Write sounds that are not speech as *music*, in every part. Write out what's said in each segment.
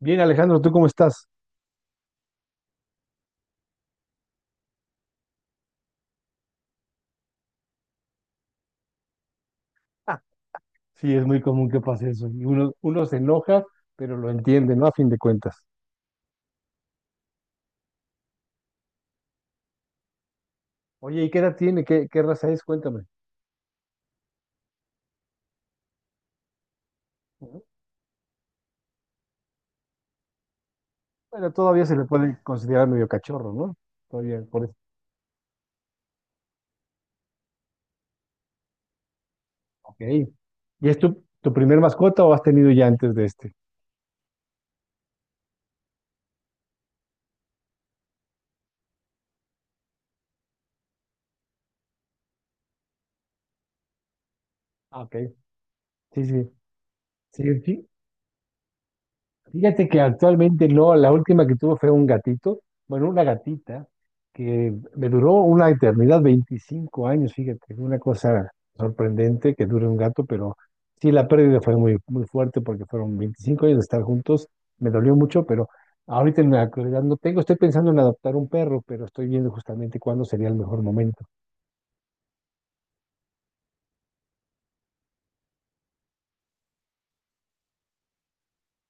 Bien, Alejandro, ¿tú cómo estás? Ah, sí, es muy común que pase eso. Y uno se enoja, pero lo entiende, ¿no? A fin de cuentas. Oye, ¿y qué edad tiene? ¿Qué raza es? Cuéntame. Bueno, todavía se le puede considerar medio cachorro, ¿no? Todavía, por eso. Ok. ¿Y es tu primer mascota o has tenido ya antes de este? Ah, ok. Sí, sí. Sí, sí. Fíjate que actualmente no, la última que tuve fue un gatito, bueno, una gatita, que me duró una eternidad, 25 años, fíjate, una cosa sorprendente que dure un gato, pero sí, la pérdida fue muy, muy fuerte porque fueron 25 años de estar juntos, me dolió mucho, pero ahorita en la actualidad no tengo, estoy pensando en adoptar un perro, pero estoy viendo justamente cuándo sería el mejor momento.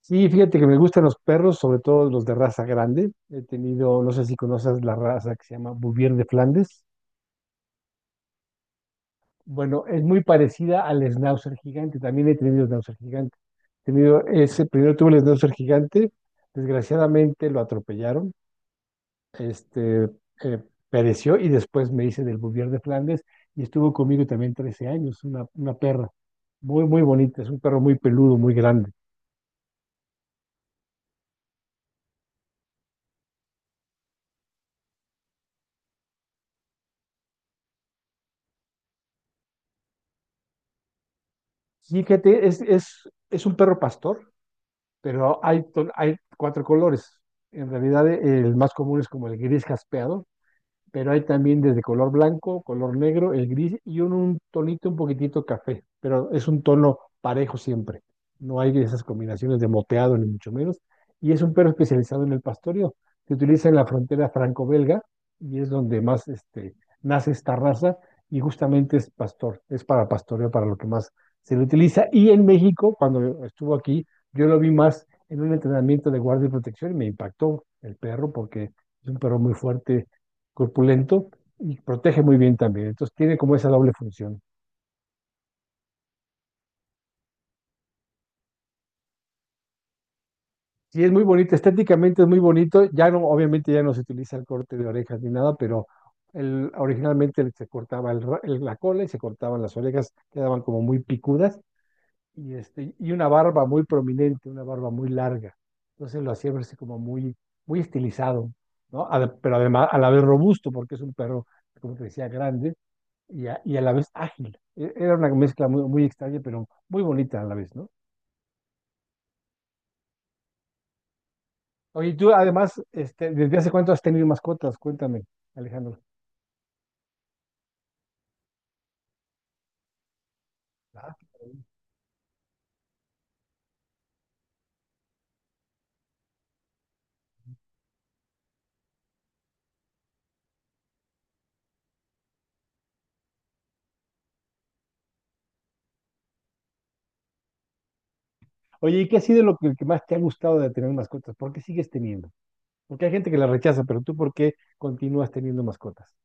Sí, fíjate que me gustan los perros, sobre todo los de raza grande. He tenido, no sé si conoces la raza que se llama Bouvier de Flandes. Bueno, es muy parecida al schnauzer gigante. También he tenido schnauzer gigante. He tenido ese, primero tuve el schnauzer gigante. Desgraciadamente lo atropellaron. Este, eh, pereció y después me hice del Bouvier de Flandes y estuvo conmigo también 13 años. Una perra muy, muy bonita. Es un perro muy peludo, muy grande. Fíjate, es un perro pastor, pero hay, hay cuatro colores. En realidad, el más común es como el gris jaspeado, pero hay también desde color blanco, color negro, el gris y un tonito un poquitito café, pero es un tono parejo siempre. No hay esas combinaciones de moteado ni mucho menos. Y es un perro especializado en el pastoreo. Se utiliza en la frontera franco-belga y es donde más nace esta raza y justamente es pastor, es para pastoreo, para lo que más se le utiliza. Y en México, cuando estuvo aquí, yo lo vi más en un entrenamiento de guardia y protección y me impactó el perro porque es un perro muy fuerte, corpulento y protege muy bien también. Entonces tiene como esa doble función. Y es muy bonito, estéticamente es muy bonito. Ya no, obviamente ya no se utiliza el corte de orejas ni nada, pero el, originalmente se cortaba la cola y se cortaban las orejas, quedaban como muy picudas y, este, y una barba muy prominente, una barba muy larga. Entonces lo hacía verse como muy, muy estilizado, ¿no? Pero además a la vez robusto, porque es un perro, como te decía, grande y a la vez ágil. Era una mezcla muy, muy extraña, pero muy bonita a la vez, ¿no? Oye, y tú además, este, ¿desde hace cuánto has tenido mascotas? Cuéntame, Alejandro. Ah, qué maravilla. Oye, ¿y qué ha sido lo que más te ha gustado de tener mascotas? ¿Por qué sigues teniendo? Porque hay gente que la rechaza, pero tú, ¿por qué continúas teniendo mascotas?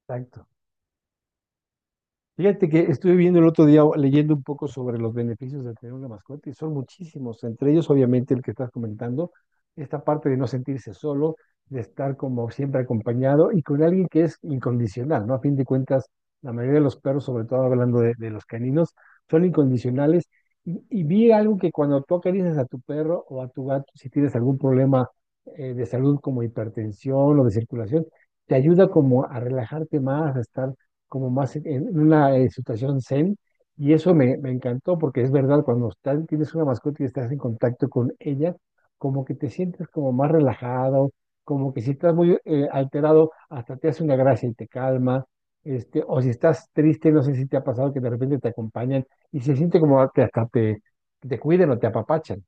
Exacto. Fíjate que estuve viendo el otro día, o leyendo un poco sobre los beneficios de tener una mascota y son muchísimos, entre ellos obviamente el que estás comentando, esta parte de no sentirse solo, de estar como siempre acompañado y con alguien que es incondicional, ¿no? A fin de cuentas, la mayoría de los perros, sobre todo hablando de los caninos, son incondicionales y vi algo que cuando tú acaricias a tu perro o a tu gato, si tienes algún problema de salud como hipertensión o de circulación, te ayuda como a relajarte más, a estar como más en una situación zen, y eso me, me encantó porque es verdad, tienes una mascota y estás en contacto con ella, como que te sientes como más relajado, como que si estás muy alterado, hasta te hace una gracia y te calma, este, o si estás triste, no sé si te ha pasado que de repente te acompañan y se siente como que hasta te cuiden o te apapachan.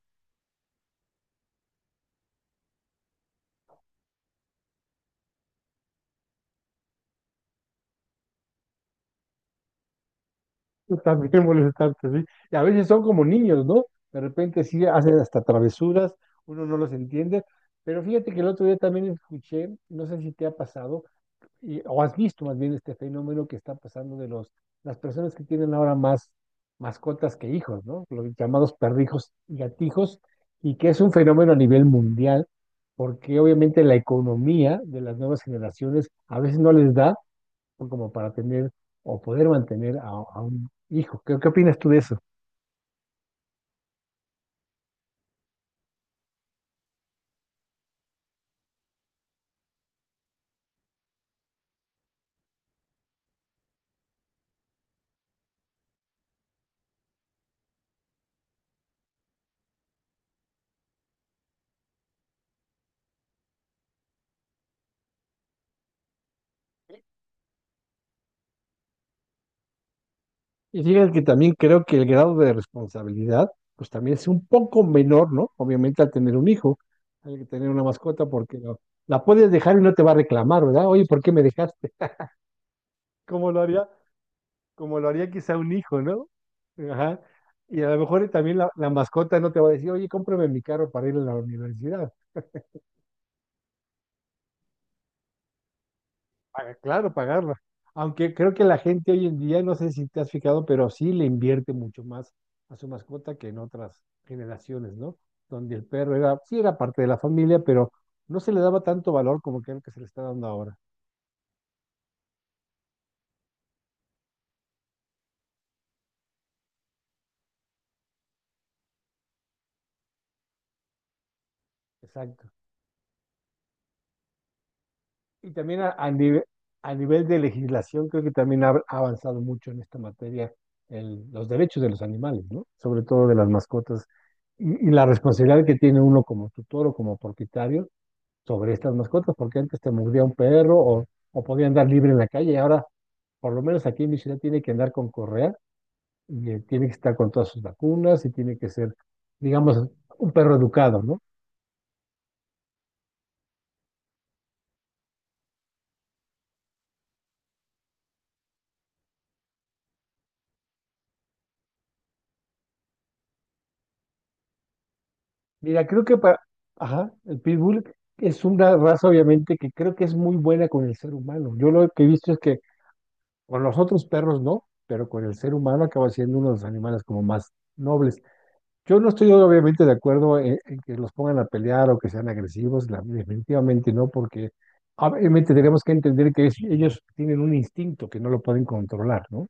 *laughs* Yo también molestante, sí. Y a veces son como niños, ¿no? De repente sí hacen hasta travesuras, uno no los entiende. Pero fíjate que el otro día también escuché, no sé si te ha pasado, o has visto más bien este fenómeno que está pasando de las personas que tienen ahora más mascotas que hijos, ¿no? Los llamados perrijos y gatijos, y que es un fenómeno a nivel mundial, porque obviamente la economía de las nuevas generaciones a veces no les da como para tener o poder mantener a un hijo. ¿Qué opinas tú de eso? Y fíjate que también creo que el grado de responsabilidad, pues también es un poco menor, ¿no? Obviamente al tener un hijo, hay que tener una mascota porque la puedes dejar y no te va a reclamar, ¿verdad? Oye, ¿por qué me dejaste? *laughs* Como lo haría, como lo haría quizá un hijo, ¿no? Ajá. Y a lo mejor también la mascota no te va a decir, oye, cómprame mi carro para ir a la universidad. Ah, claro, pagarla. Aunque creo que la gente hoy en día, no sé si te has fijado, pero sí le invierte mucho más a su mascota que en otras generaciones, ¿no? Donde el perro era, sí era parte de la familia, pero no se le daba tanto valor como creo que se le está dando ahora. Exacto. Y también a nivel de legislación, creo que también ha avanzado mucho en esta materia los derechos de los animales, ¿no? Sobre todo de las mascotas y la responsabilidad que tiene uno como tutor o como propietario sobre estas mascotas, porque antes te mordía un perro o podía andar libre en la calle, y ahora por lo menos aquí en mi ciudad tiene que andar con correa y tiene que estar con todas sus vacunas y tiene que ser, digamos, un perro educado, ¿no? Mira, creo que para, ajá, el pitbull es una raza obviamente que creo que es muy buena con el ser humano. Yo lo que he visto es que con los otros perros no, pero con el ser humano acaba siendo uno de los animales como más nobles. Yo no estoy obviamente de acuerdo en que los pongan a pelear o que sean agresivos, definitivamente no, porque obviamente tenemos que entender que ellos tienen un instinto que no lo pueden controlar, ¿no?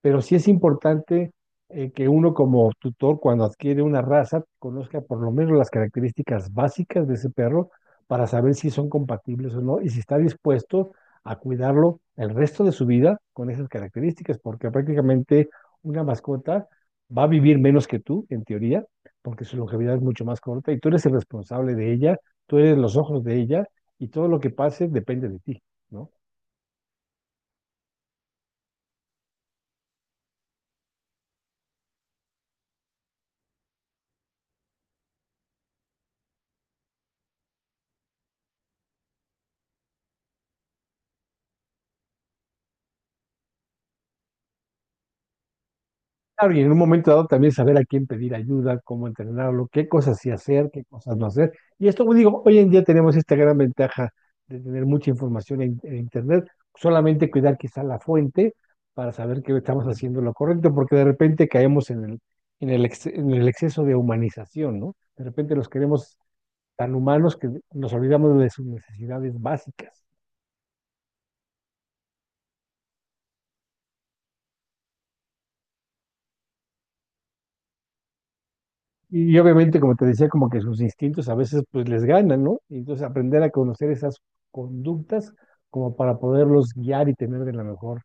Pero sí es importante que uno como tutor, cuando adquiere una raza, conozca por lo menos las características básicas de ese perro para saber si son compatibles o no y si está dispuesto a cuidarlo el resto de su vida con esas características, porque prácticamente una mascota va a vivir menos que tú, en teoría, porque su longevidad es mucho más corta y tú eres el responsable de ella, tú eres los ojos de ella y todo lo que pase depende de ti, ¿no? Claro, y en un momento dado también saber a quién pedir ayuda, cómo entrenarlo, qué cosas sí hacer, qué cosas no hacer. Y esto, pues, digo, hoy en día tenemos esta gran ventaja de tener mucha información en Internet, solamente cuidar quizá la fuente para saber que estamos haciendo lo correcto, porque de repente caemos en en el exceso de humanización, ¿no? De repente los queremos tan humanos que nos olvidamos de sus necesidades básicas. Y obviamente, como te decía, como que sus instintos a veces pues les ganan, ¿no? Y entonces aprender a conocer esas conductas como para poderlos guiar y tener de la mejor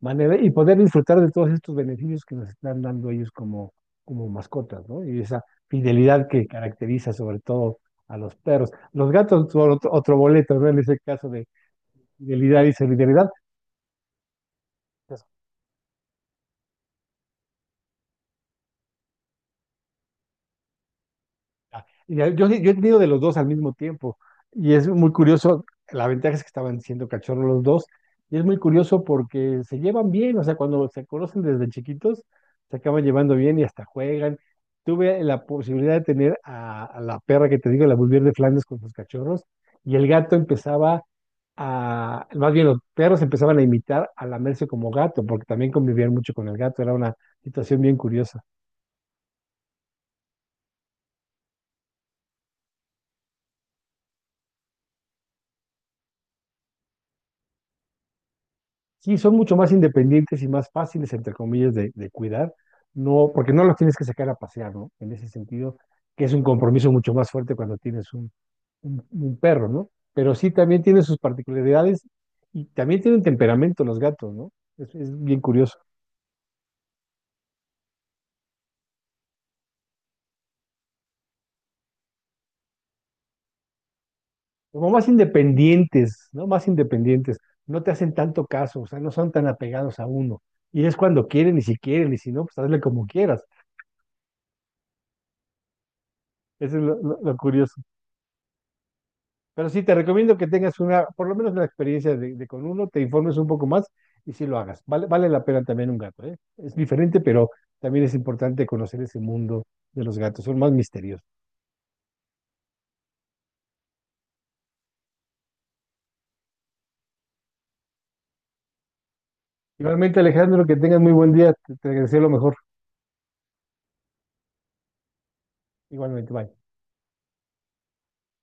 manera y poder disfrutar de todos estos beneficios que nos están dando ellos como, como mascotas, ¿no? Y esa fidelidad que caracteriza sobre todo a los perros. Los gatos, otro boleto, ¿no? En ese caso de fidelidad y solidaridad, pues, ah, yo he tenido de los dos al mismo tiempo y es muy curioso, la ventaja es que estaban siendo cachorros los dos y es muy curioso porque se llevan bien, o sea, cuando se conocen desde chiquitos, se acaban llevando bien y hasta juegan. Tuve la posibilidad de tener a la perra que te digo, la Bulldog de Flandes con sus cachorros y el gato empezaba a, más bien los perros empezaban a imitar a lamerse como gato porque también convivían mucho con el gato, era una situación bien curiosa. Sí, son mucho más independientes y más fáciles, entre comillas, de cuidar, no, porque no los tienes que sacar a pasear, ¿no? En ese sentido, que es un compromiso mucho más fuerte cuando tienes un, un perro, ¿no? Pero sí también tiene sus particularidades y también tienen temperamento los gatos, ¿no? Es bien curioso. Como más independientes, ¿no? Más independientes, no te hacen tanto caso, o sea, no son tan apegados a uno. Y es cuando quieren y si no, pues hazle como quieras. Eso es lo curioso. Pero sí, te recomiendo que tengas una, por lo menos una experiencia de con uno, te informes un poco más y sí lo hagas. Vale, vale la pena también un gato, ¿eh? Es diferente, pero también es importante conocer ese mundo de los gatos, son más misteriosos. Igualmente, Alejandro, que tengas muy buen día, te deseo lo mejor. Igualmente, bye.